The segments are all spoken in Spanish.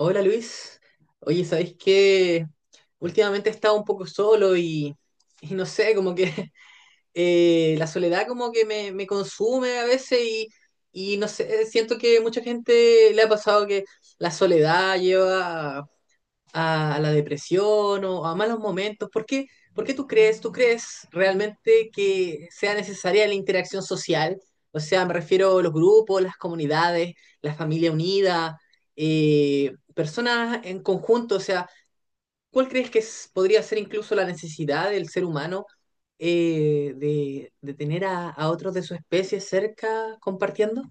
Hola Luis, oye, ¿sabéis que últimamente he estado un poco solo y no sé, como que la soledad como que me consume a veces y no sé, siento que mucha gente le ha pasado que la soledad lleva a la depresión o a malos momentos? Por qué tú crees realmente que sea necesaria la interacción social? O sea, me refiero a los grupos, las comunidades, la familia unida, personas en conjunto. O sea, ¿cuál crees que podría ser incluso la necesidad del ser humano de tener a otros de su especie cerca compartiendo?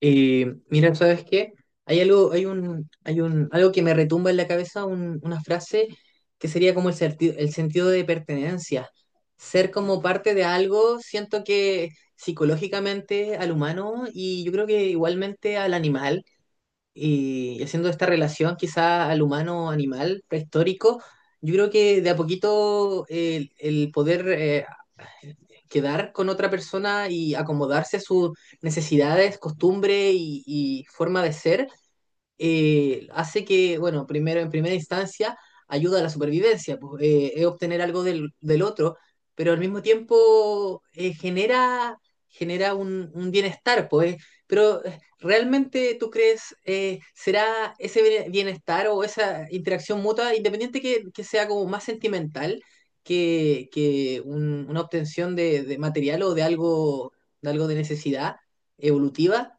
Y mira, ¿sabes qué? Hay algo que me retumba en la cabeza, una frase que sería como el sentido de pertenencia. Ser como parte de algo, siento que psicológicamente al humano y yo creo que igualmente al animal, y haciendo esta relación quizá al humano-animal prehistórico, yo creo que de a poquito el poder quedar con otra persona y acomodarse a sus necesidades, costumbres y forma de ser, hace que, bueno, primero en primera instancia ayuda a la supervivencia, pues, es obtener algo del otro, pero al mismo tiempo genera, genera un bienestar, pues. Pero ¿realmente tú crees, será ese bienestar o esa interacción mutua, independiente que sea como más sentimental que una obtención de material o de algo, de algo de necesidad evolutiva?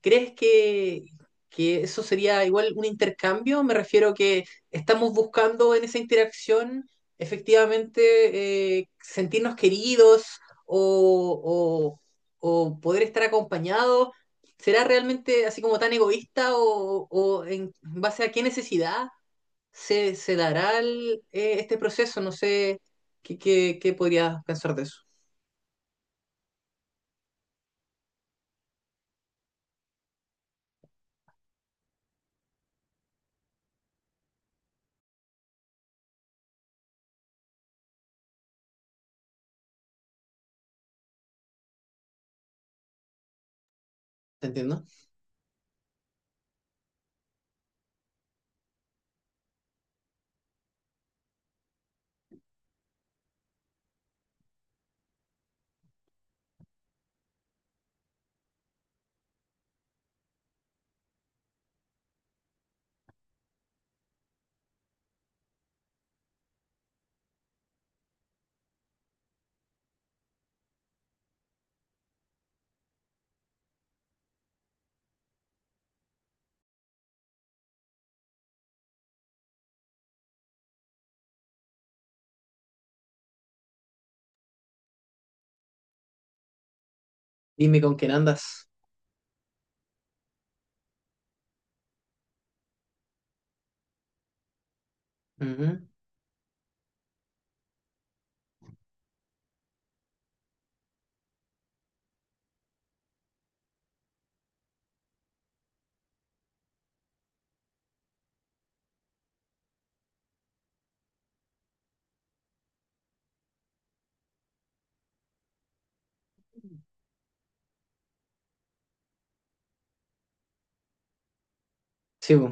¿Crees que eso sería igual un intercambio? Me refiero que estamos buscando en esa interacción efectivamente sentirnos queridos o o poder estar acompañados. ¿Será realmente así como tan egoísta o en base a qué necesidad se dará el, este proceso? No sé qué, qué podrías pensar de eso. ¿Te entiendo? Dime con quién andas. Ujú. Sí, po.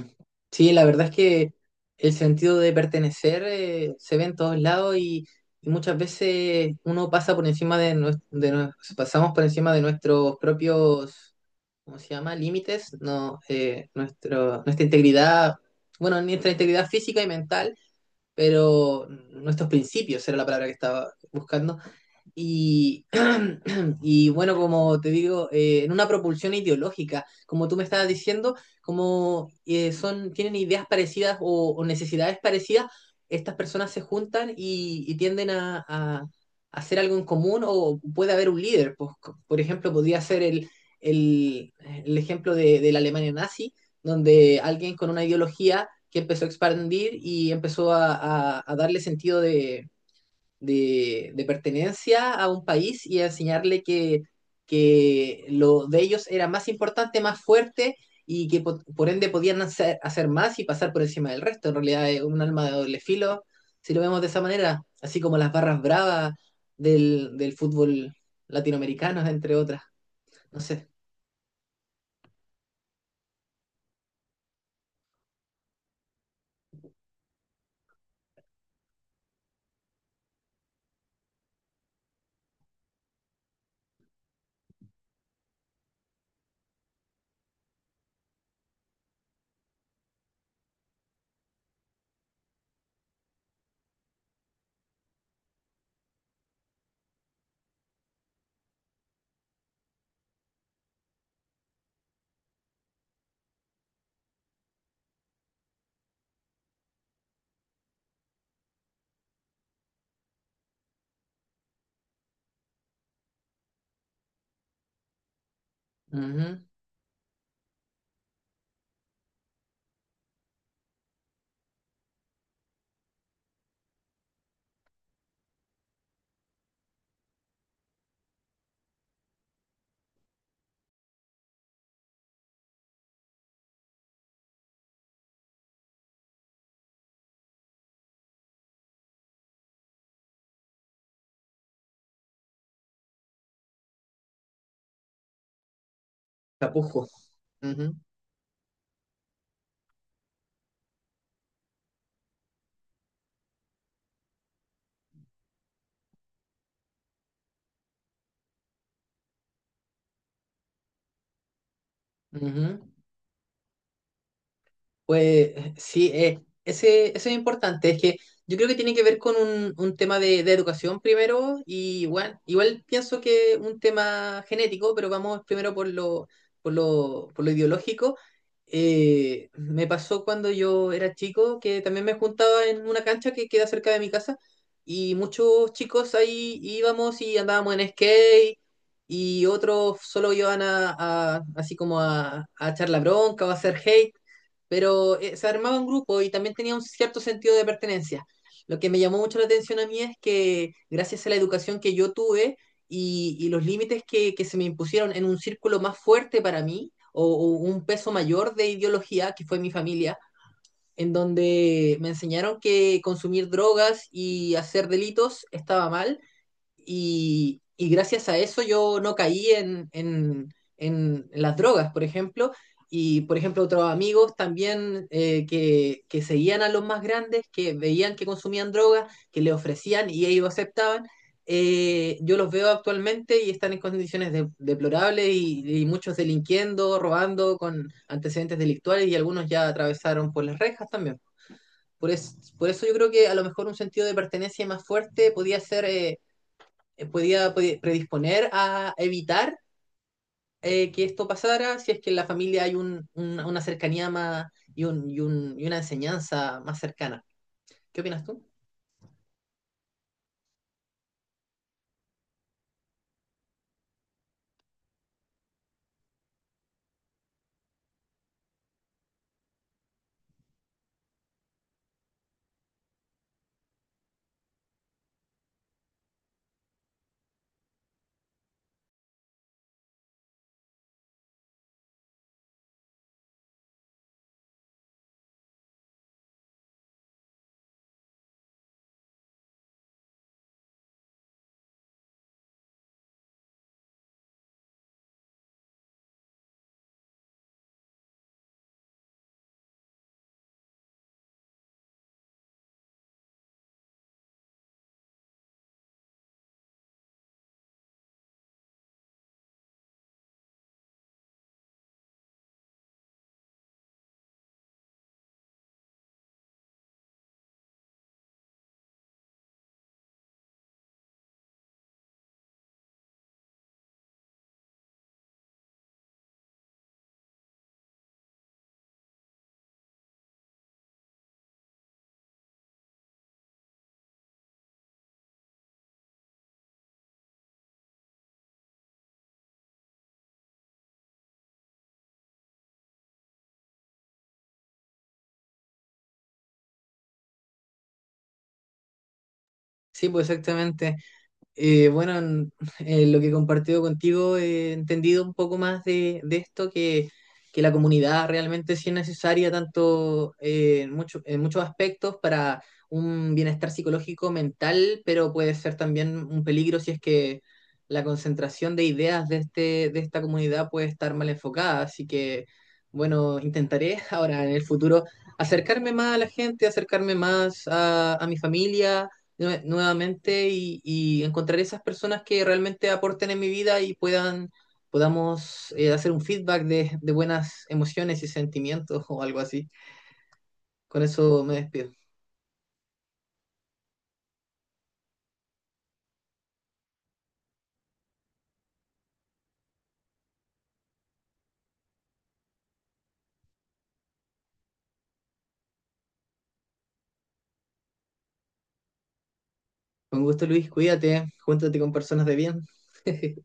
Sí, la verdad es que el sentido de pertenecer se ve en todos lados y muchas veces uno pasa por encima de, pasamos por encima de nuestros propios, ¿cómo se llama? Límites, no, nuestra integridad, bueno, nuestra integridad física y mental, pero nuestros principios era la palabra que estaba buscando y, y bueno, como te digo, en una propulsión ideológica, como tú me estabas diciendo, como son, tienen ideas parecidas o necesidades parecidas, estas personas se juntan y tienden a a- hacer algo en común o puede haber un líder. Pues, por ejemplo, podría ser el, el ejemplo de la Alemania nazi, donde alguien con una ideología que empezó a expandir y empezó a darle sentido de pertenencia a un país y a enseñarle que lo de ellos era más importante, más fuerte y que por ende podían hacer, hacer más y pasar por encima del resto. En realidad es un alma de doble filo, si lo vemos de esa manera, así como las barras bravas del fútbol latinoamericano, entre otras. No sé. Ujú. Chapujo. Ujú, ujú. Pues sí, ese, eso es importante. Es que yo creo que tiene que ver con un tema de educación primero y bueno, igual pienso que un tema genético, pero vamos primero por lo, por lo ideológico. Me pasó cuando yo era chico que también me juntaba en una cancha que queda cerca de mi casa y muchos chicos ahí íbamos y andábamos en skate y otros solo iban así como a echar la bronca o a hacer hate pero se armaba un grupo y también tenía un cierto sentido de pertenencia. Lo que me llamó mucho la atención a mí es que gracias a la educación que yo tuve y los límites que se me impusieron en un círculo más fuerte para mí, o un peso mayor de ideología, que fue mi familia, en donde me enseñaron que consumir drogas y hacer delitos estaba mal, y gracias a eso yo no caí en las drogas, por ejemplo. Y, por ejemplo, otros amigos también que seguían a los más grandes, que veían que consumían drogas, que le ofrecían y ellos aceptaban. Eh, yo los veo actualmente y están en condiciones deplorables y muchos delinquiendo, robando con antecedentes delictuales y algunos ya atravesaron por las rejas también. Por, por eso yo creo que a lo mejor un sentido de pertenencia más fuerte podía ser podía predisponer a evitar que esto pasara si es que en la familia hay una cercanía más y y una enseñanza más cercana. ¿Qué opinas tú? Sí, pues exactamente. Eh, bueno, en, en lo que he compartido contigo he entendido un poco más de esto, que la comunidad realmente sí es necesaria tanto en muchos aspectos para un bienestar psicológico, mental, pero puede ser también un peligro si es que la concentración de ideas de, este, de esta comunidad puede estar mal enfocada. Así que, bueno, intentaré ahora en el futuro acercarme más a la gente, acercarme más a mi familia nuevamente y encontrar esas personas que realmente aporten en mi vida y puedan, podamos hacer un feedback de buenas emociones y sentimientos o algo así. Con eso me despido. Con gusto, Luis, cuídate, júntate con personas de bien.